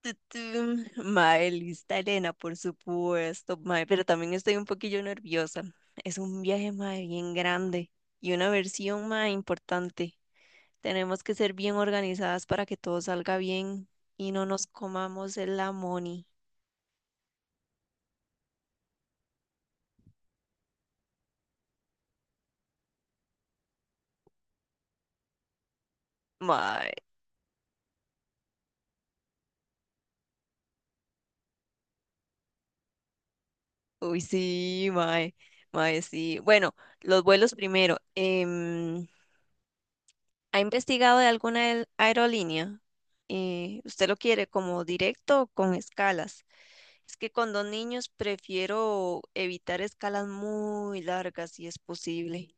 Tu. Mae, lista Elena, por supuesto, mae, pero también estoy un poquillo nerviosa. Es un viaje, mae, bien grande y una versión, mae, importante. Tenemos que ser bien organizadas para que todo salga bien y no nos comamos el amoni. Mae, uy, sí, mae, mae, sí. Bueno, los vuelos primero. ¿Ha investigado de alguna aerolínea? ¿Usted lo quiere como directo o con escalas? Es que con dos niños prefiero evitar escalas muy largas si es posible.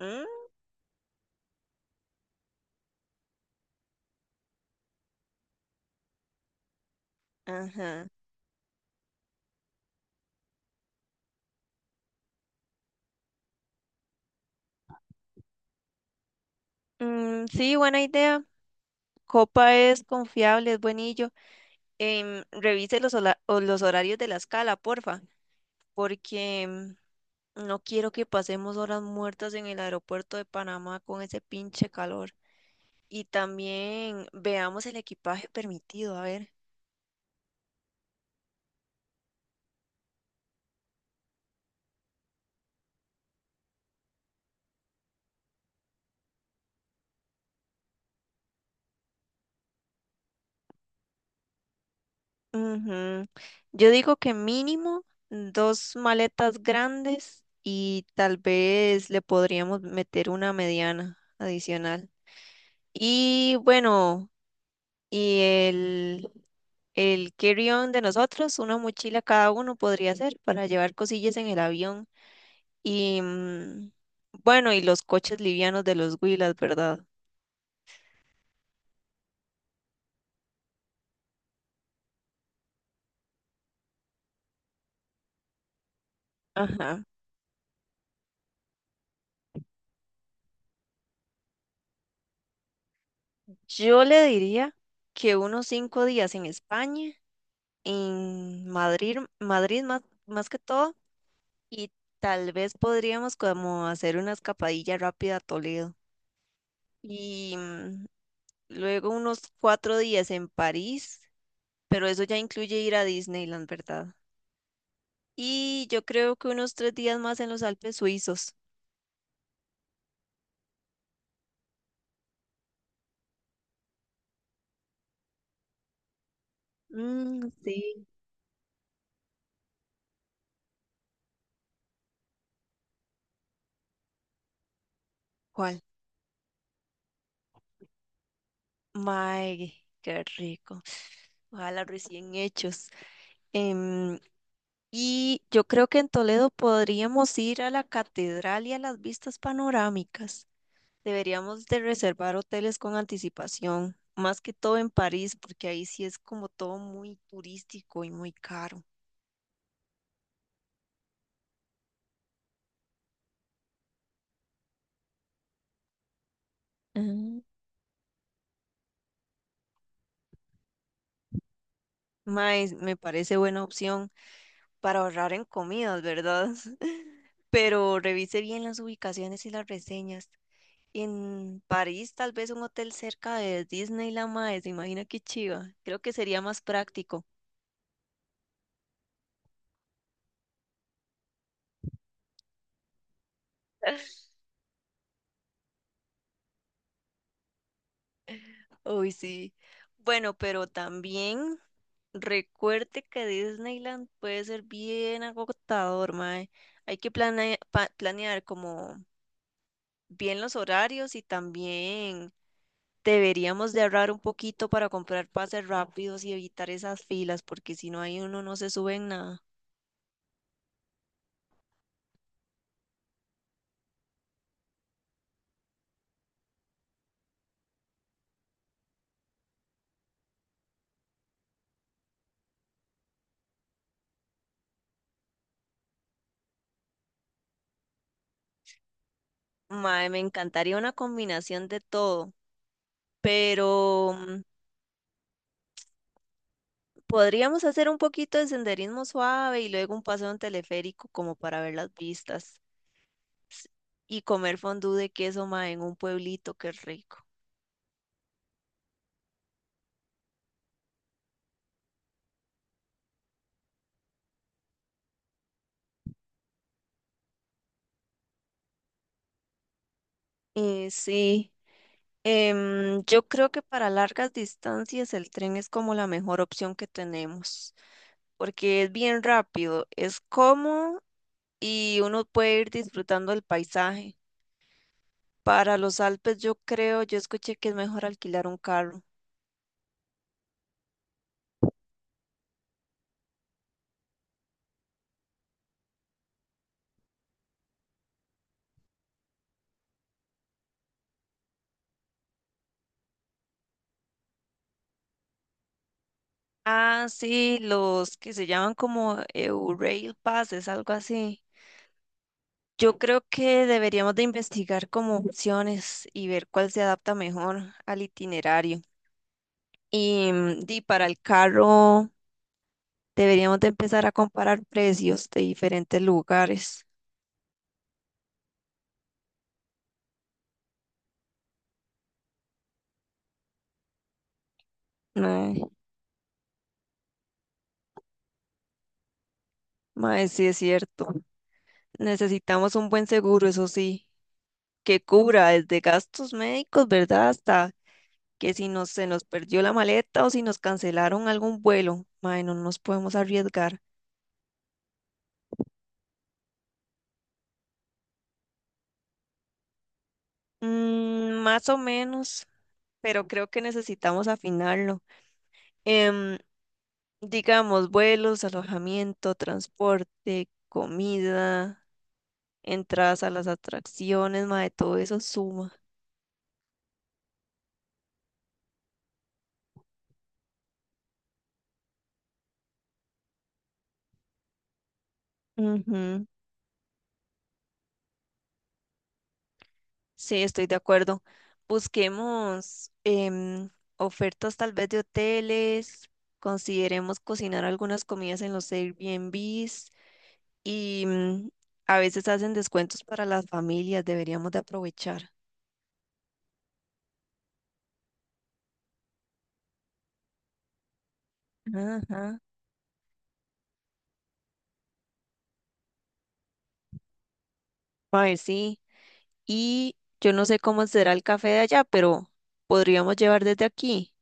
Mm, ajá. Mm, sí, buena idea. Copa es confiable, es buenillo. Revise los, hola- o los horarios de la escala, porfa, porque no quiero que pasemos horas muertas en el aeropuerto de Panamá con ese pinche calor. Y también veamos el equipaje permitido, a ver. Ujú. Yo digo que mínimo dos maletas grandes y tal vez le podríamos meter una mediana adicional. Y bueno, y el carry-on de nosotros, una mochila cada uno podría ser para llevar cosillas en el avión. Y bueno, y los coches livianos de los Wheelers, ¿verdad? Ajá. Yo le diría que unos 5 días en España en Madrid, Madrid más que todo, y tal vez podríamos como hacer una escapadilla rápida a Toledo. Y luego unos 4 días en París, pero eso ya incluye ir a Disneyland, ¿verdad? Y yo creo que unos 3 días más en los Alpes suizos. Mm, sí. ¿Cuál? Mae, qué rico. Ojalá recién hechos. Em, Y yo creo que en Toledo podríamos ir a la catedral y a las vistas panorámicas. Deberíamos de reservar hoteles con anticipación, más que todo en París, porque ahí sí es como todo muy turístico y muy caro. Ah, mae, me parece buena opción para ahorrar en comidas, ¿verdad? Pero revise bien las ubicaciones y las reseñas. En París, tal vez un hotel cerca de Disneyland, mae, se imagina qué chiva. Creo que sería más práctico. Uy, sí. Bueno, pero también recuerde que Disneyland puede ser bien agotador, mae. Hay que planear como bien los horarios y también deberíamos de ahorrar un poquito para comprar pases rápidos y evitar esas filas, porque si no hay uno no se sube en nada. Mae, me encantaría una combinación de todo, pero podríamos hacer un poquito de senderismo suave y luego un paseo en teleférico como para ver las vistas. Y comer fondue de queso, mae, en un pueblito, qué rico. Sí, yo creo que para largas distancias el tren es como la mejor opción que tenemos, porque es bien rápido, es cómodo y uno puede ir disfrutando el paisaje. Para los Alpes yo escuché que es mejor alquilar un carro. Ah, sí, los que se llaman como Eurail Pass, es algo así. Yo creo que deberíamos de investigar como opciones y ver cuál se adapta mejor al itinerario. Y, di, para el carro deberíamos de empezar a comparar precios de diferentes lugares. Mae, mae, sí es cierto. Necesitamos un buen seguro, eso sí, que cubra desde gastos médicos, ¿verdad? Hasta que si nos, se nos perdió la maleta o si nos cancelaron algún vuelo. Mae, no nos podemos arriesgar. Mm, más o menos. Pero creo que necesitamos afinarlo. Em, digamos, vuelos, alojamiento, transporte, comida, entradas a las atracciones, mae, todo eso suma. Ujú, sí, estoy de acuerdo. Busquemos ofertas tal vez de hoteles, consideremos cocinar algunas comidas en los Airbnbs y a veces hacen descuentos para las familias, deberíamos de aprovechar. Ajá. Mae, sí. Y yo no sé cómo será el café de allá, pero podríamos llevar desde aquí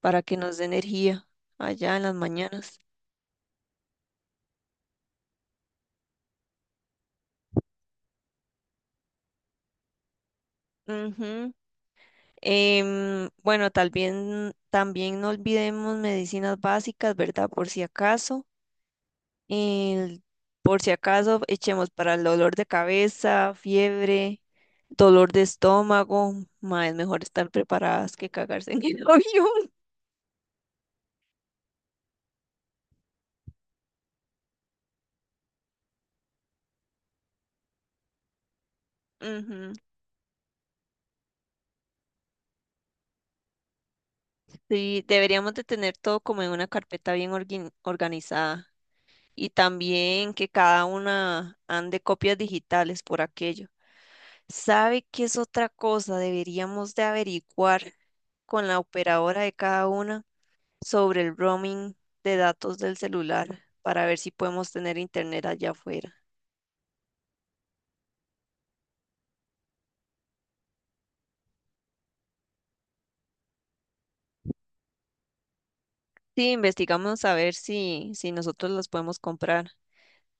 para que nos dé energía allá en las mañanas. Ujú. Bueno, también no olvidemos medicinas básicas, ¿verdad? Por si acaso. El- por si acaso echemos para el dolor de cabeza, fiebre, dolor de estómago. Ma, es mejor estar preparadas que cagarse en el avión. Ujú. Sí, deberíamos de tener todo como en una carpeta bien organizada y también que cada una ande copias digitales por aquello. ¿Sabe qué es otra cosa? Deberíamos de averiguar con la operadora de cada una sobre el roaming de datos del celular para ver si podemos tener internet allá afuera. Sí, investigamos a ver si nosotros los podemos comprar.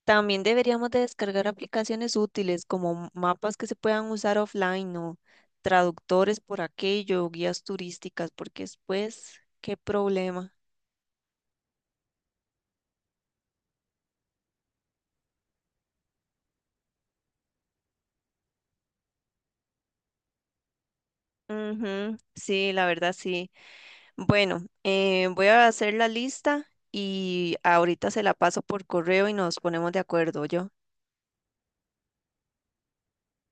También deberíamos de descargar aplicaciones útiles como mapas que se puedan usar offline o traductores por aquello, guías turísticas, porque después, qué problema. Ujú, sí, la verdad sí. Bueno, voy a hacer la lista y ahorita se la paso por correo y nos ponemos de acuerdo, yo.